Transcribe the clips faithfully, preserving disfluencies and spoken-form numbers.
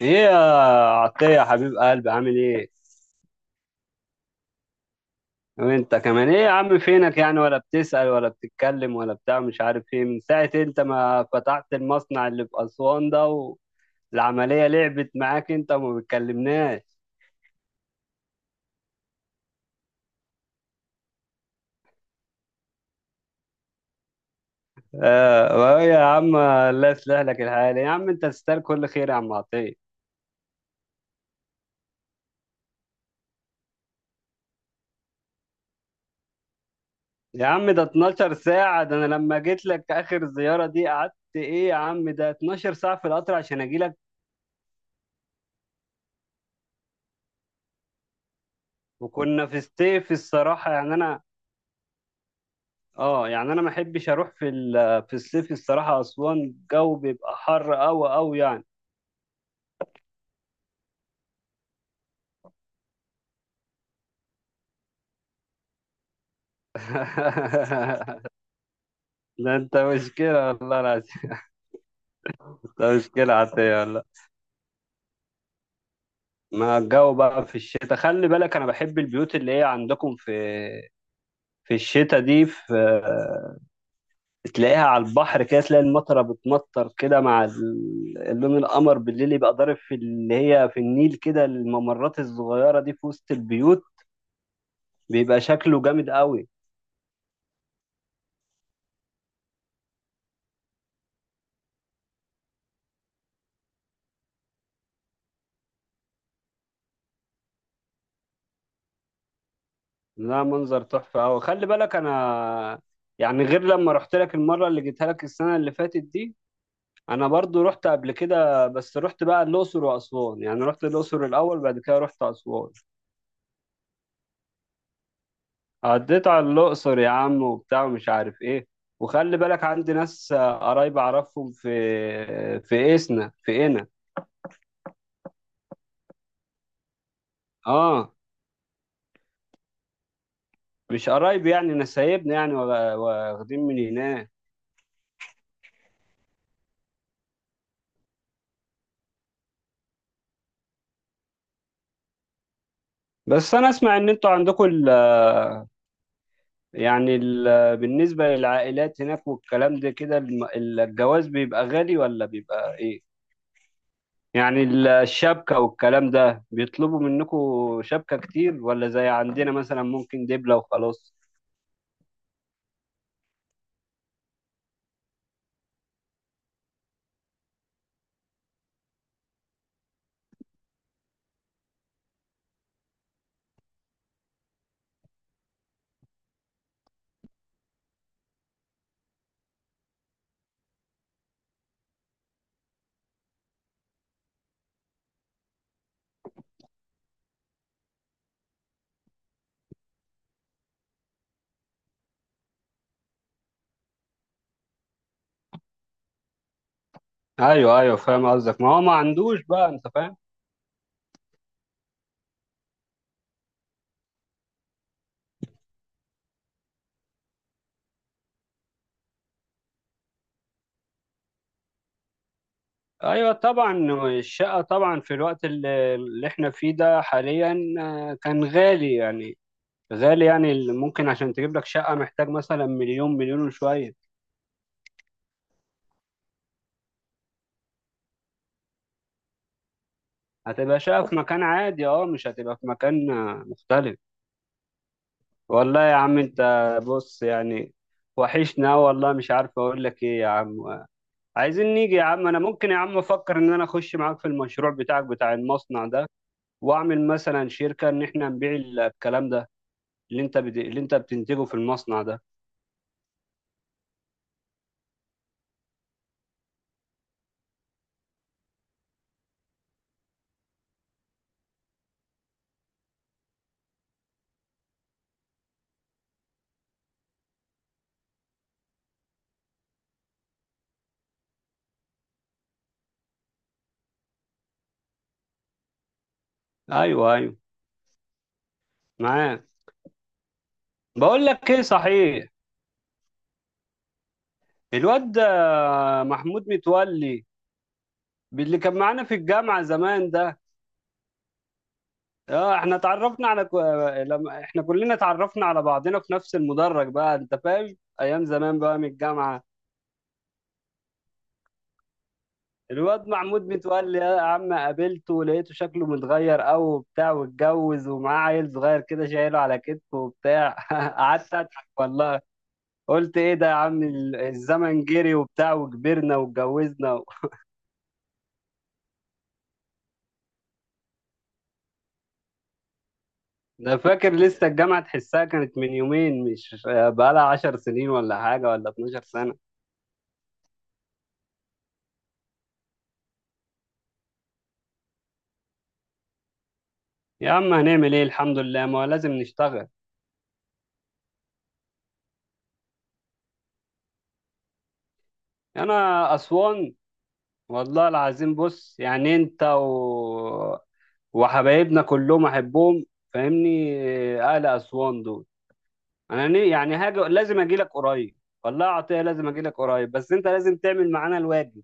ايه يا عطية يا حبيب قلبي عامل ايه؟ وانت كمان ايه يا عم فينك يعني ولا بتسأل ولا بتتكلم ولا بتاع مش عارف ايه من ساعة انت ما فتحت المصنع اللي في أسوان ده، والعملية لعبت معاك انت وما بتكلمناش. اه وإيه يا عم، الله يصلح لك الحال يا عم، انت تستاهل كل خير يا عم عطية. يا عم ده اتناشر ساعة، ده انا لما جيت لك اخر زيارة دي قعدت ايه؟ يا عم ده اتناشر ساعة في القطر عشان اجي لك. وكنا في ستيف الصراحة يعني انا، اه يعني انا ما احبش اروح في ال- في الصيف الصراحه، اسوان الجو بيبقى حر قوي قوي يعني. ده انت مشكله والله العظيم، انت مشكله عاديه والله. ما الجو بقى في الشتاء خلي بالك، انا بحب البيوت اللي هي عندكم في في الشتاء دي، في تلاقيها على البحر كده، تلاقي المطره بتمطر كده مع ال- اللون القمر بالليل يبقى ضارب في اللي هي في النيل كده، الممرات الصغيره دي في وسط البيوت بيبقى شكله جامد قوي. لا منظر تحفة أوي، خلي بالك، أنا يعني غير لما رحت لك المرة اللي جيتها لك السنة اللي فاتت دي، أنا برضو رحت قبل كده، بس رحت بقى الأقصر وأسوان، يعني رحت الأقصر الأول بعد كده رحت أسوان. عديت على الأقصر يا عم وبتاع ومش عارف إيه، وخلي بالك عندي ناس آه، قرايب أعرفهم في في إسنا في إنا. آه مش قرايب يعني، نسايبنا يعني، واخدين من هناك. بس أنا أسمع إن أنتوا عندكم يعني ال- بالنسبة للعائلات هناك والكلام ده كده، الم- الجواز بيبقى غالي ولا بيبقى ايه؟ يعني ال- الشبكة والكلام ده بيطلبوا منكم شبكة كتير ولا زي عندنا مثلا ممكن دبلة وخلاص؟ ايوه ايوه فاهم قصدك، ما هو ما عندوش بقى، انت فاهم؟ ايوه طبعا. الشقة طبعا في الوقت اللي اللي احنا فيه ده حاليا آه، كان غالي يعني، غالي يعني ال- ممكن عشان تجيب لك شقة محتاج مثلا مليون مليون وشوية. هتبقى شقة في مكان عادي، اه مش هتبقى في مكان آه، مختلف. والله يا عم انت، بص يعني، وحشنا والله، مش عارف اقول لك ايه يا عم. عايزين نيجي يا عم، انا ممكن يا عم افكر ان انا اخش معاك في المشروع بتاعك بتاع المصنع ده، واعمل مثلا شركة ان احنا نبيع ال- الكلام ده، اللي انت بد... اللي انت بتنتجه في المصنع ده. ايوه ايوه معاك. بقول لك ايه صحيح، الواد ده محمود متولي اللي كان معانا في الجامعة زمان ده، اه احنا اتعرفنا على كو... لما احنا كلنا اتعرفنا على بعضنا في نفس المدرج بقى، انت فاهم ايام زمان بقى من الجامعه. الواد محمود متولي يا عم قابلته، لقيته شكله متغير قوي وبتاع، واتجوز ومعاه عيل صغير كده شايله على كتفه وبتاع. قعدت اضحك والله، قلت ايه ده يا عم، ال- الزمن جري وبتاع وكبرنا واتجوزنا و... ده فاكر لسه الجامعه تحسها كانت من يومين، مش بقالها عشر سنين ولا حاجه ولا اثنا عشر سنه. يا عم هنعمل ايه، الحمد لله ما هو لازم نشتغل. انا اسوان والله العظيم، بص يعني انت و... وحبايبنا كلهم احبهم فاهمني، اهل اسوان دول. انا ني- يعني هاجي، لازم اجي لك قريب، والله يا عطيه لازم اجي لك قريب، بس انت لازم تعمل معانا الواجب.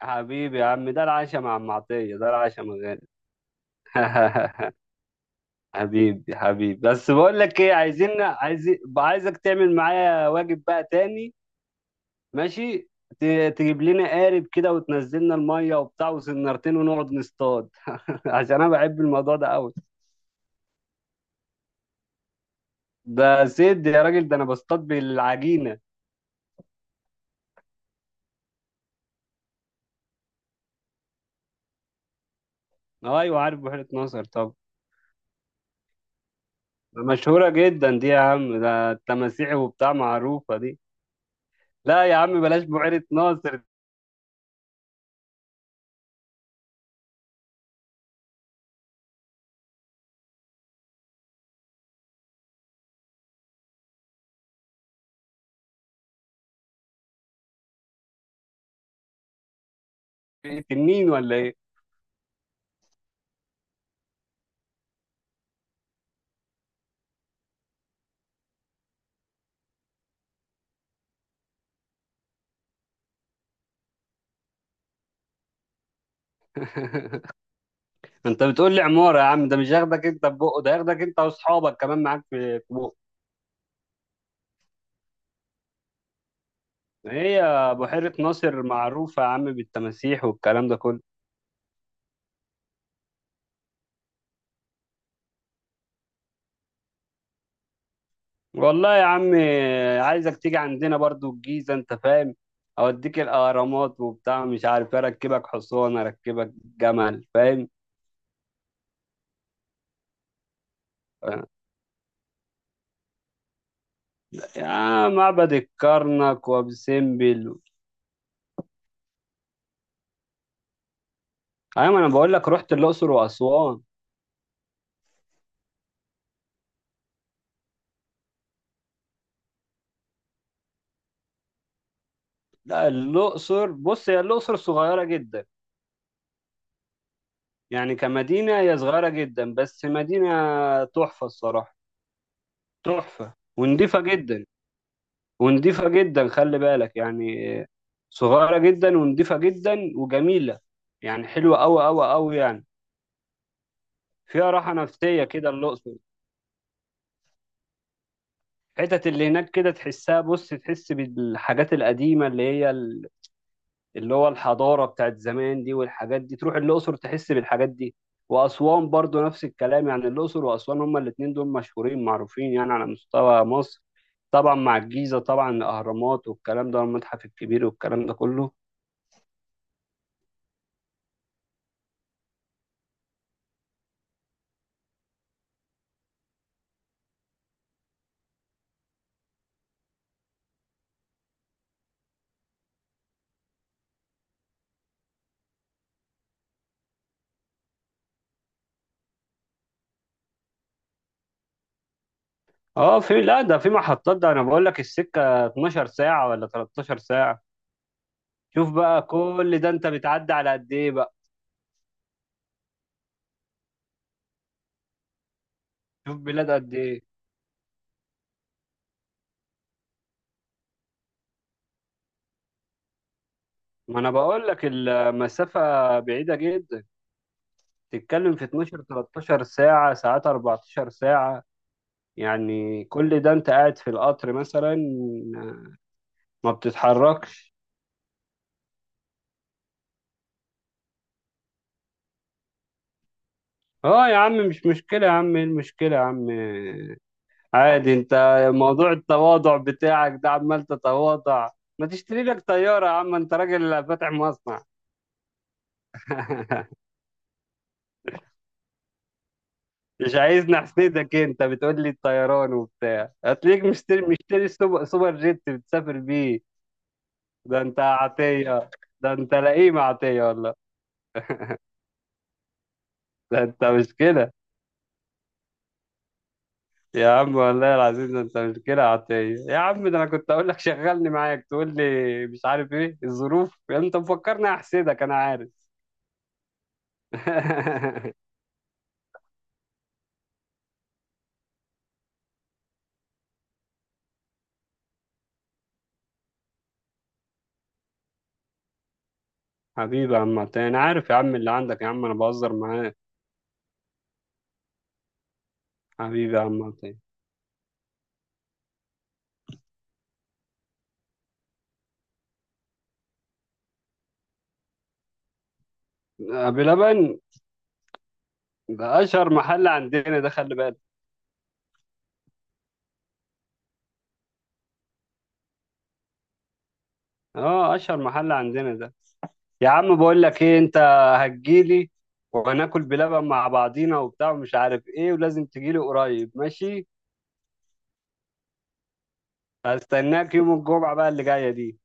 حبيبي يا عم، ده العشاء مع ام عطيه ده العشاء من غير. حبيبي حبيبي، بس بقول لك ايه، عايزين عايز، عايزك تعمل معايا واجب بقى تاني، ماشي؟ ت- تجيب لنا قارب كده وتنزلنا الميه وبتاع وسنارتين ونقعد نصطاد. عشان انا بحب الموضوع ده قوي، ده سيد يا راجل، ده انا بصطاد بالعجينه. ايوه عارف بحيره ناصر، طب مشهوره جدا دي يا عم، ده التماسيح وبتاع معروفه دي. لا يا عم بلاش بحيره ناصر، دي تنين ولا ايه؟ انت بتقول لي عماره يا عم، ده مش هياخدك انت ببقه، ده هياخدك انت واصحابك كمان معاك في في بقه. هي بحيره ناصر معروفه يا عم، بالتماسيح والكلام ده كله. والله يا عم، عايزك تيجي عندنا برضو الجيزة انت فاهم، اوديك الاهرامات وبتاع، مش عارف اركبك حصان، اركبك جمل فاهم. يا معبد الكرنك وابو سمبل. ايوه انا بقول لك رحت الاقصر واسوان. لا الاقصر بص، هي الاقصر صغيره جدا، يعني كمدينه هي صغيره جدا، بس مدينه تحفه الصراحه، تحفه ونضيفه جدا. ونضيفة جدا خلي بالك، يعني آه، صغيرة جدا ونضيفة جدا وجميلة، يعني حلوة أوي أوي أوي يعني، فيها راحة نفسية كده الأقصر. الحتت اللي هناك كده تحسها، بص تحس بالحاجات القديمة اللي هي ال- اللي هو الحضارة بتاعت زمان دي، والحاجات دي تروح الأقصر تحس بالحاجات دي. وأسوان برضو نفس الكلام، يعني الأقصر وأسوان هما الاتنين دول مشهورين معروفين يعني على مستوى مصر، طبعا مع الجيزة طبعا، الأهرامات والكلام ده والمتحف الكبير والكلام ده كله. اه في، لا ده في محطات، ده انا بقول لك السكه اتناشر ساعه ولا ثلاثة عشر ساعه. شوف بقى كل ده، انت بتعدي على قد ايه بقى؟ شوف بلاد قد ايه. ما انا بقول لك المسافه بعيده جدا، تتكلم في اتناشر، تلتاشر ساعه، ساعات اربعتاشر ساعه. يعني كل ده انت قاعد في القطر مثلا، ما بتتحركش. اه يا عم مش مشكله يا عم، ايه المشكله يا عم، عادي انت. موضوع التواضع بتاعك ده، عمال تتواضع، ما تشتري لك طيارة يا عم، انت راجل فاتح مصنع. مش عايز نحسدك، انت بتقول لي الطيران وبتاع، هتلاقيك مشتري، مشتري سوبر, سوبر جيت بتسافر بيه. ده انت عطية، ده انت لئيم عطية والله، ده انت مش كده. يا عم والله العظيم ده انت مش كده عطية، يا عم ده انا كنت اقول لك شغلني معاك، تقول لي مش عارف ايه الظروف، انت مفكرني احسدك، انا عارف. حبيبي يا عم عطية، أنا عارف يا عم اللي عندك يا عم، أنا بهزر معاك. حبيبي يا عم عطية. أبي لبن، ده أشهر محل عندنا ده خلي بالك. أه أشهر محل عندنا ده. يا عم بقول لك إيه أنت، هتجيلي وهناكل بلبن مع بعضينا وبتاع ومش عارف إيه، ولازم تجيلي قريب ماشي. هستناك يوم الجمعة بقى اللي جاية دي.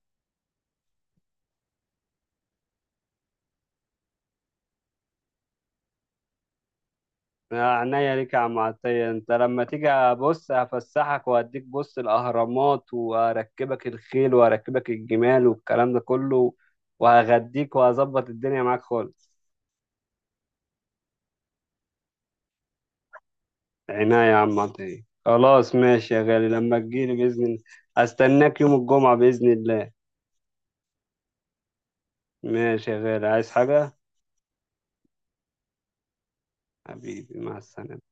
يا عينيا ليك يا عم عطية، انت لما تيجي بص هفسحك وهديك، بص الاهرامات واركبك الخيل واركبك الجمال والكلام ده كله، وهغديك وهظبط الدنيا معاك خالص. عينيا يا عم عطية، خلاص ماشي يا غالي لما تجيلي بإذن الله. استناك يوم الجمعة بإذن الله. ماشي يا غالي، عايز حاجة؟ حبيبي مع السلامة.